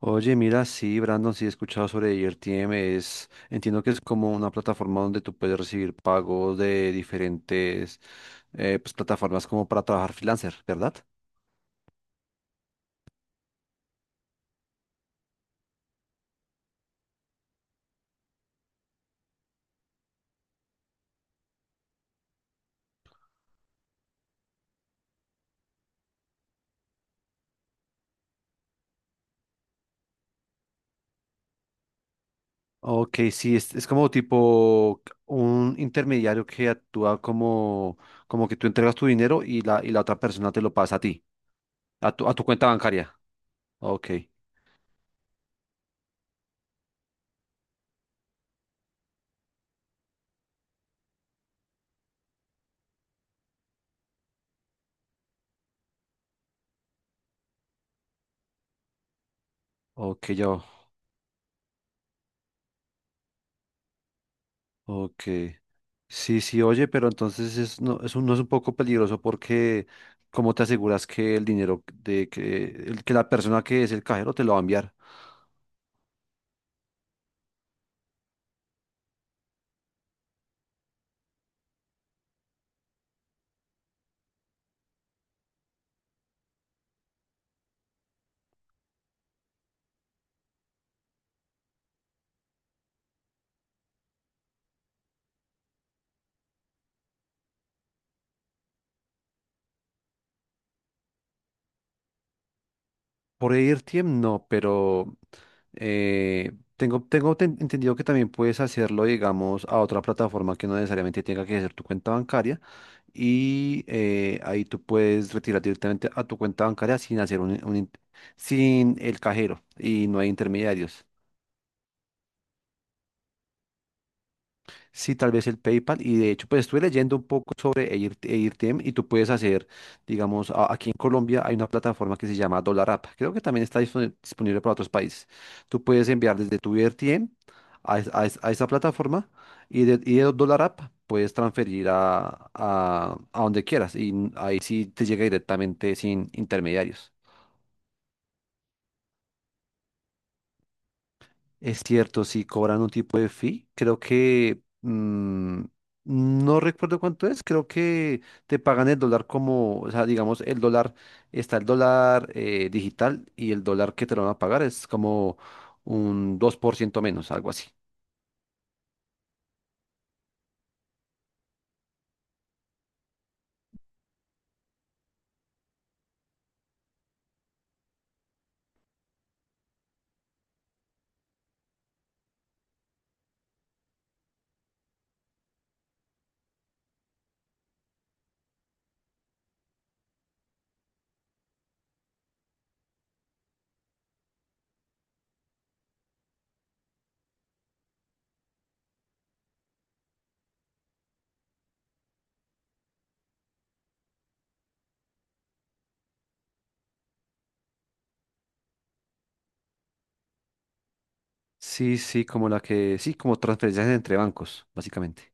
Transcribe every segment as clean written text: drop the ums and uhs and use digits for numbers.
Oye, mira, sí, Brandon, sí he escuchado sobre IRTM. Entiendo que es como una plataforma donde tú puedes recibir pagos de diferentes plataformas como para trabajar freelancer, ¿verdad? Ok, sí, es como tipo un intermediario que actúa como, como que tú entregas tu dinero y y la otra persona te lo pasa a ti, a tu cuenta bancaria. Ok, ok, ok. Sí, sí, oye, pero entonces es no es un poco peligroso porque ¿cómo te aseguras que el dinero de que la persona que es el cajero te lo va a enviar? Por AirTM no, pero eh, entendido que también puedes hacerlo, digamos, a otra plataforma que no necesariamente tenga que ser tu cuenta bancaria y ahí tú puedes retirar directamente a tu cuenta bancaria sin hacer sin el cajero y no hay intermediarios. Sí, tal vez el PayPal. Y de hecho, pues estuve leyendo un poco sobre AirTM y tú puedes hacer, digamos, aquí en Colombia hay una plataforma que se llama Dollar App. Creo que también está disponible para otros países. Tú puedes enviar desde tu AirTM a esa plataforma y y de Dollar App puedes transferir a donde quieras. Y ahí sí te llega directamente sin intermediarios. Es cierto, sí, cobran un tipo de fee. Creo que no recuerdo cuánto es. Creo que te pagan el dólar como, o sea, digamos, el dólar, está el dólar digital y el dólar que te lo van a pagar es como un 2% menos, algo así. Sí, sí, como sí, como transferencias entre bancos, básicamente.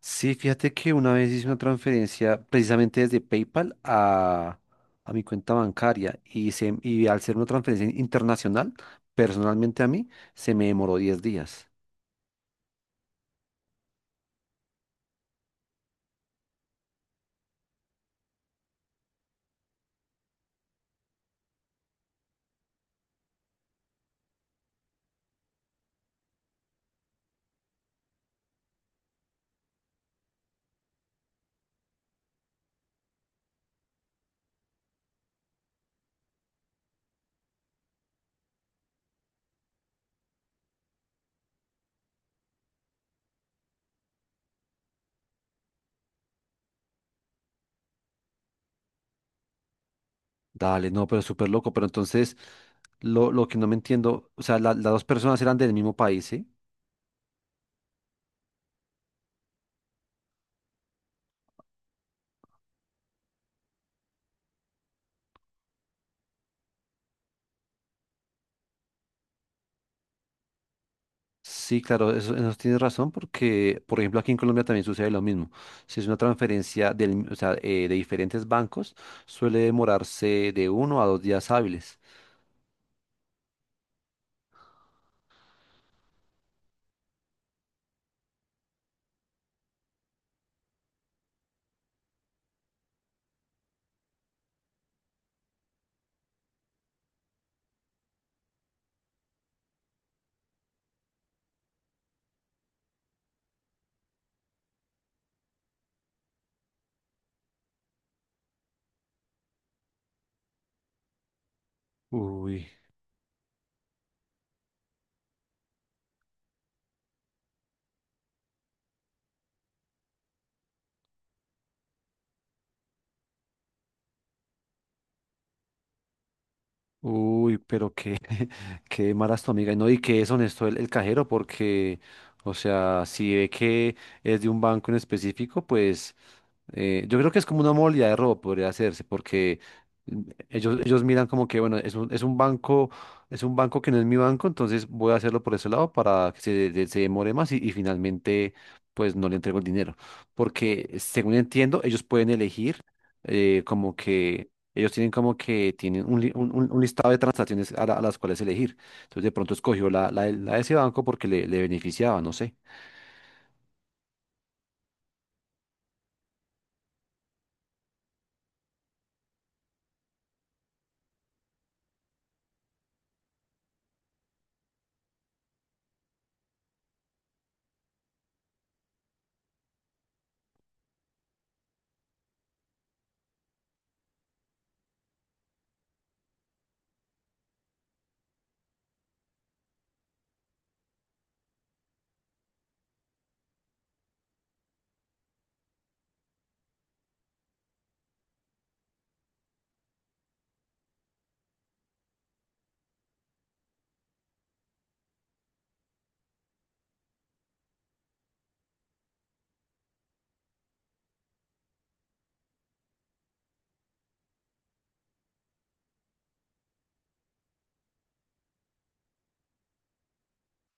Sí, fíjate que una vez hice una transferencia precisamente desde PayPal a mi cuenta bancaria y al ser una transferencia internacional, personalmente a mí, se me demoró 10 días. Dale, no, pero súper loco. Pero entonces, lo que no me entiendo, o sea, las dos personas eran del mismo país, ¿sí? Sí, claro, eso tienes razón porque, por ejemplo, aquí en Colombia también sucede lo mismo. Si es una transferencia de diferentes bancos, suele demorarse de uno a dos días hábiles. Uy. Uy, pero qué, qué mala es tu amiga. Y no, y que es honesto el cajero, porque, o sea, si ve que es de un banco en específico, pues yo creo que es como una modalidad de robo, podría hacerse, porque mm, ellos miran como que, bueno, es un banco que no es mi banco, entonces voy a hacerlo por ese lado para que se demore más y finalmente, pues no le entrego el dinero. Porque, según entiendo, ellos pueden elegir como que... Ellos tienen como que tienen un, li- un listado de transacciones a las cuales elegir. Entonces de pronto escogió de la de ese banco porque le beneficiaba, no sé.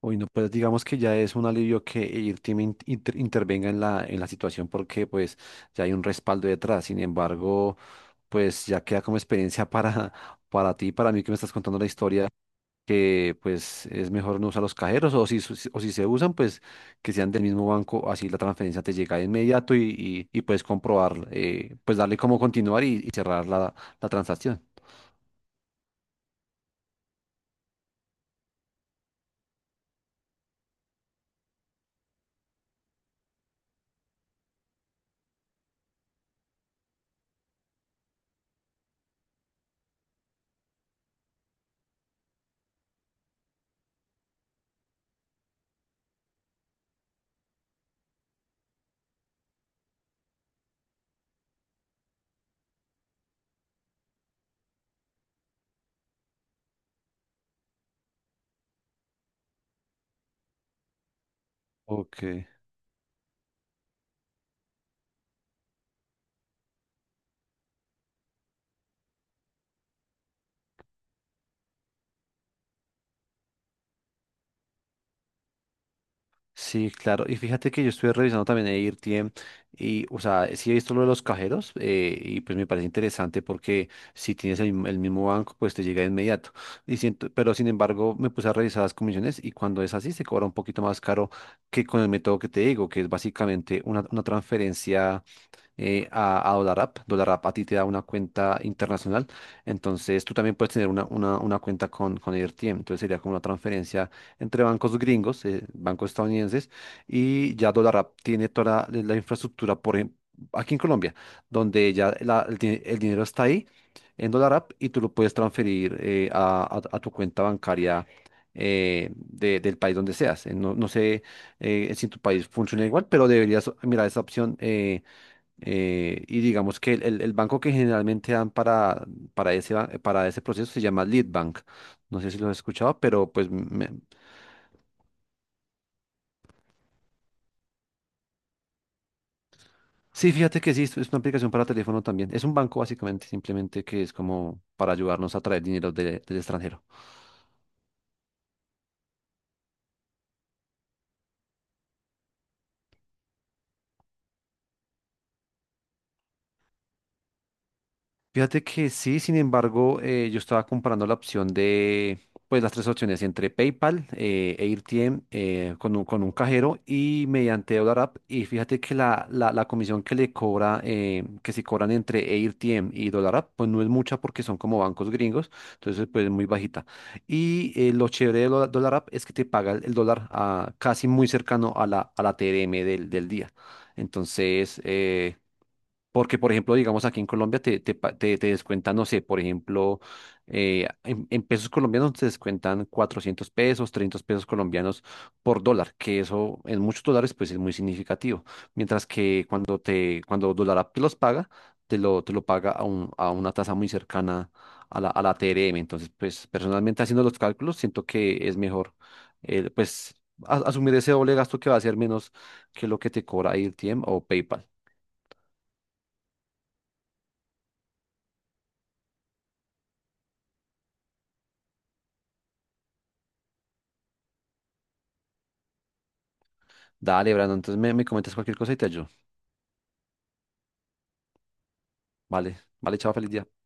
Uy, no, pues digamos que ya es un alivio que el team intervenga en en la situación porque pues ya hay un respaldo detrás. Sin embargo, pues ya queda como experiencia para ti, para mí que me estás contando la historia, que pues es mejor no usar los cajeros o si se usan, pues que sean del mismo banco, así la transferencia te llega de inmediato y puedes comprobar, pues darle cómo continuar y cerrar la transacción. Ok. Sí, claro. Y fíjate que yo estuve revisando también AirTM y, o sea, sí he visto lo de los cajeros y pues me parece interesante porque si tienes el mismo banco, pues te llega de inmediato. Y siento, pero sin embargo, me puse a revisar las comisiones y cuando es así se cobra un poquito más caro que con el método que te digo, que es básicamente una transferencia a DolarApp. DolarApp a ti te da una cuenta internacional. Entonces tú también puedes tener una cuenta con AirTM. Entonces sería como una transferencia entre bancos gringos, bancos estadounidenses, y ya DolarApp tiene toda la infraestructura, por ejemplo, aquí en Colombia, donde ya el dinero está ahí en dólar app y tú lo puedes transferir a tu cuenta bancaria del país donde seas. No, no sé si en tu país funciona igual, pero deberías mirar esa opción. Y digamos que el banco que generalmente dan para ese, para ese proceso se llama Leadbank. No sé si lo has escuchado, pero pues me- sí, fíjate que sí, es una aplicación para teléfono también. Es un banco básicamente, simplemente que es como para ayudarnos a traer dinero del extranjero. Fíjate que sí, sin embargo, yo estaba comparando la opción de, pues las tres opciones entre PayPal, e AirTM, con con un cajero y mediante Dollar App. Y fíjate que la comisión que le cobra, que si cobran entre AirTM y Dollar App, pues no es mucha porque son como bancos gringos, entonces pues es muy bajita. Y lo chévere de Dollar App es que te paga el dólar ah, casi muy cercano a a la TRM del día. Entonces, porque, por ejemplo, digamos aquí en Colombia te descuentan, no sé, por ejemplo, en pesos colombianos te descuentan 400 pesos, 300 pesos colombianos por dólar, que eso en muchos dólares pues es muy significativo. Mientras que cuando Dólar te los paga, te lo paga a, a una tasa muy cercana a a la TRM. Entonces, pues personalmente haciendo los cálculos, siento que es mejor eh, pues asumir ese doble gasto que va a ser menos que lo que te cobra AirTM o PayPal. Dale, Brandon, entonces me comentas cualquier cosa y te ayudo. Vale, vale, chao, feliz día.